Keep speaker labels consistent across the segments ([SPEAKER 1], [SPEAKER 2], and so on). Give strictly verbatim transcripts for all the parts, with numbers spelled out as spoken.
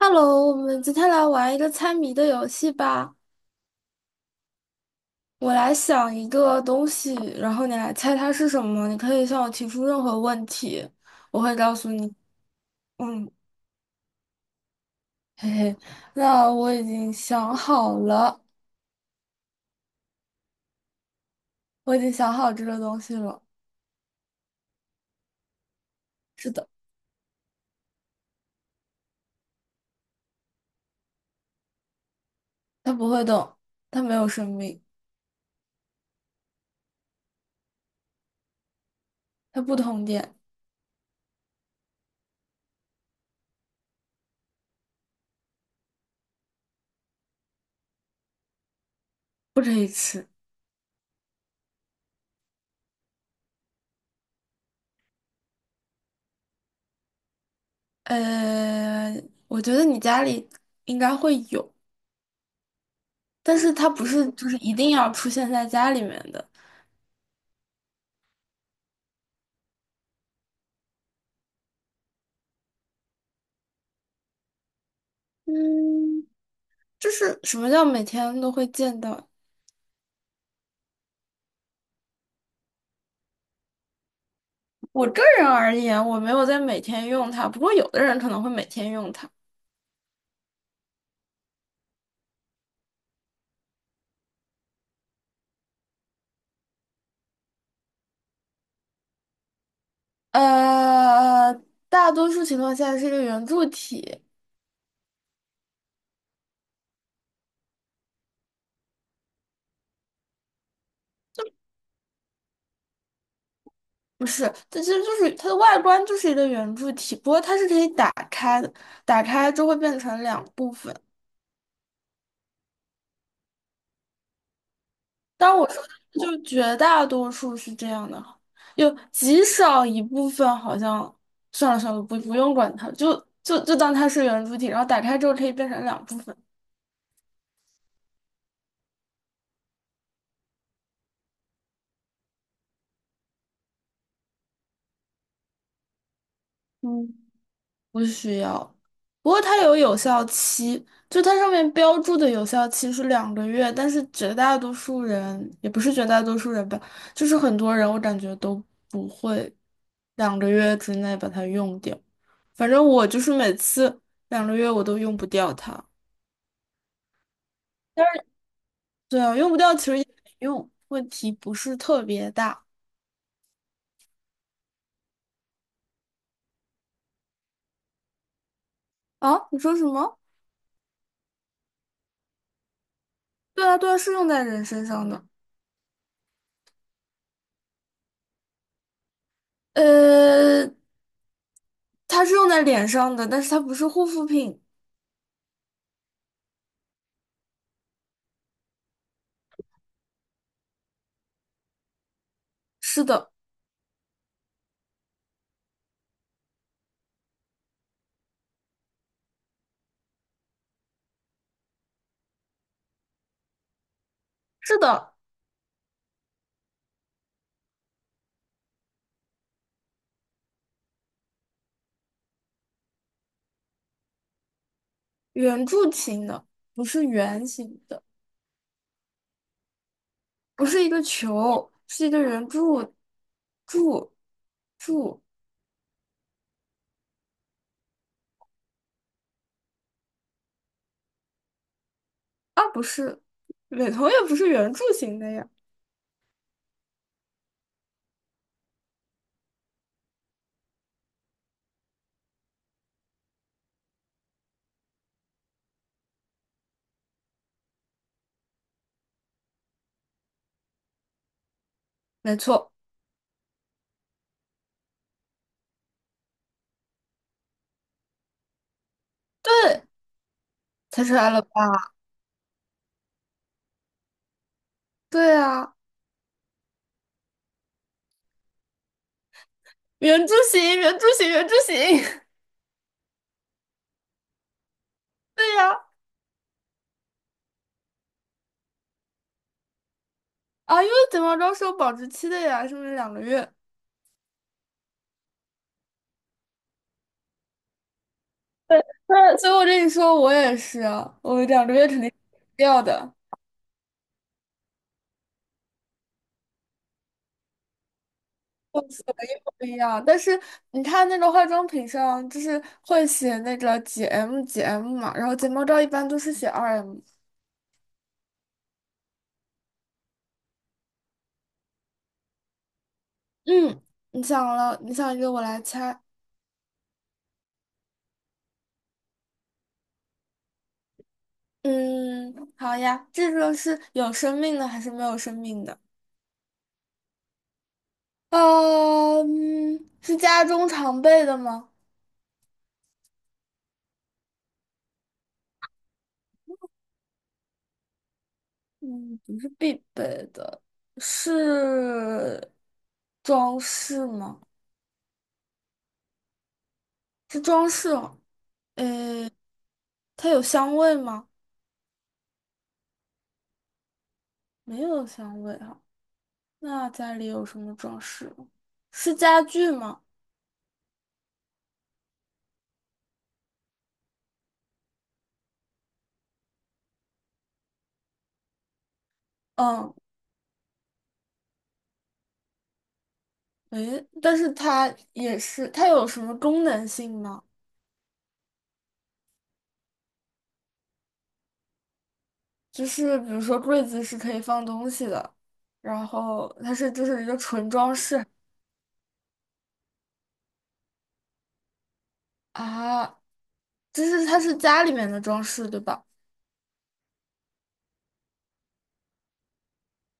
[SPEAKER 1] Hello，我们今天来玩一个猜谜的游戏吧。我来想一个东西，然后你来猜它是什么。你可以向我提出任何问题，我会告诉你。嗯，嘿嘿，那我已经想好了，我已经想好这个东西了。是的，它不会动，它没有生命，它不通电，不可以吃。呃，我觉得你家里应该会有，但是它不是就是一定要出现在家里面的。嗯。就是什么叫每天都会见到？我个人而言，我没有在每天用它，不过有的人可能会每天用它。呃，大多数情况下是一个圆柱体，不是，它其实就是它的外观就是一个圆柱体，不过它是可以打开的，打开就会变成两部分。当然我说的就绝大多数是这样的，有极少一部分好像算了算了，不不用管它，就就就当它是圆柱体，然后打开之后可以变成两部分。嗯。不需要，不过它有有效期，就它上面标注的有效期是两个月，但是绝大多数人，也不是绝大多数人吧，就是很多人我感觉都不会两个月之内把它用掉。反正我就是每次两个月我都用不掉它。但是对啊，用不掉其实也没用，问题不是特别大。啊，你说什么？对啊，对啊，是用在人身上的。呃，它是用在脸上的，但是它不是护肤品。是的，是的，圆柱形的，不是圆形的，不是一个球，是一个圆柱，柱，柱啊，不是，美瞳也不是圆柱形的呀。没错，对，猜出来了吧？对啊，圆柱形，圆柱形，圆柱形，对呀。啊，因为睫毛膏是有保质期的呀，是不是两个月？那所以我跟你说，我也是，我两个月肯定掉的，不一样。但是你看那个化妆品上，就是会写那个几 M 几 M 嘛，然后睫毛膏一般都是写二 M。嗯，你想了，你想一个，我来猜。嗯，好呀，这个是有生命的还是没有生命的？呃嗯，是家中常备的吗？嗯，不是必备的，是装饰吗？是装饰哦。呃，它有香味吗？没有香味哈，那家里有什么装饰吗？是家具吗？嗯，诶，但是它也是，它有什么功能性吗？就是比如说柜子是可以放东西的，然后它是就是一个纯装饰啊，就是它是家里面的装饰对吧？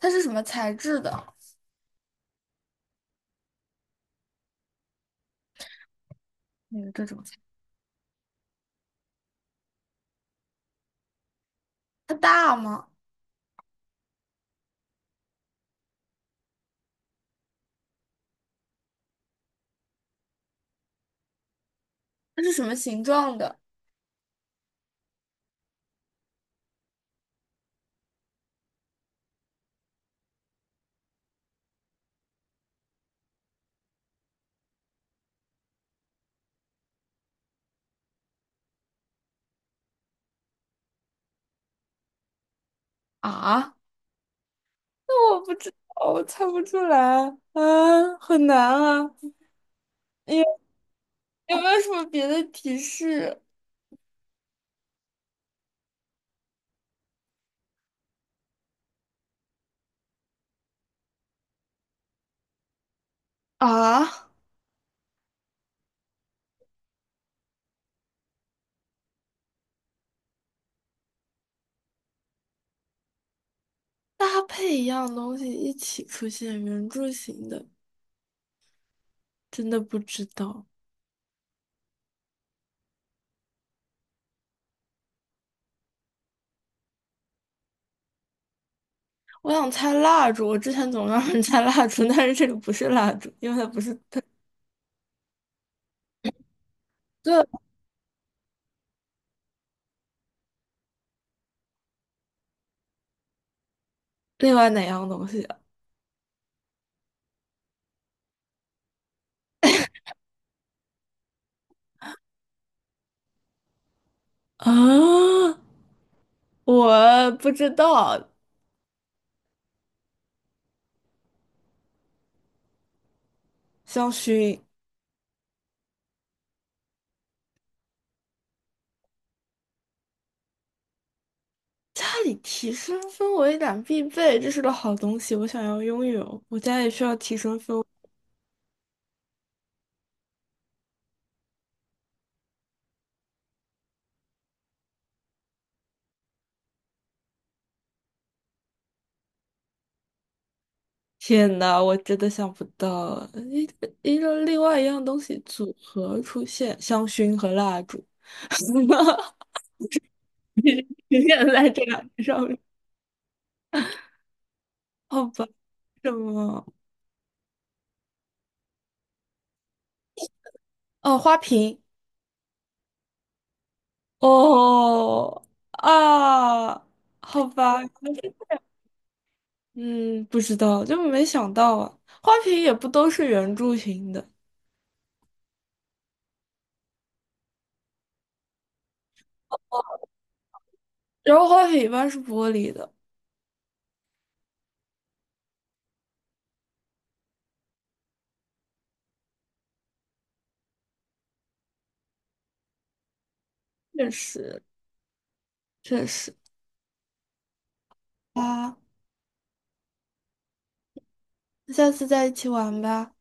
[SPEAKER 1] 它是什么材质的？那个这种材，它大吗？它是什么形状的啊？那我不知道，我猜不出来，啊，很难啊！有有没有什么别的提示啊？搭配一样东西一起出现，圆柱形的，真的不知道。我想猜蜡烛，我之前总让人猜蜡烛，但是这个不是蜡烛，因为它不是它。这另外哪样东西啊？啊我不知道，香薰。家里提升氛围感必备，这是个好东西，我想要拥有。我家也需要提升氛。天呐，我真的想不到，一一个另外一样东西组合出现，香薰和蜡烛，永远在这两个上面。好吧，什么？哦，花瓶。哦啊，好吧，嗯，不知道，就没想到啊。花瓶也不都是圆柱形的，然后花瓶一般是玻璃的。确实，确实。啊，那下次再一起玩吧，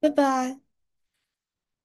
[SPEAKER 1] 拜拜。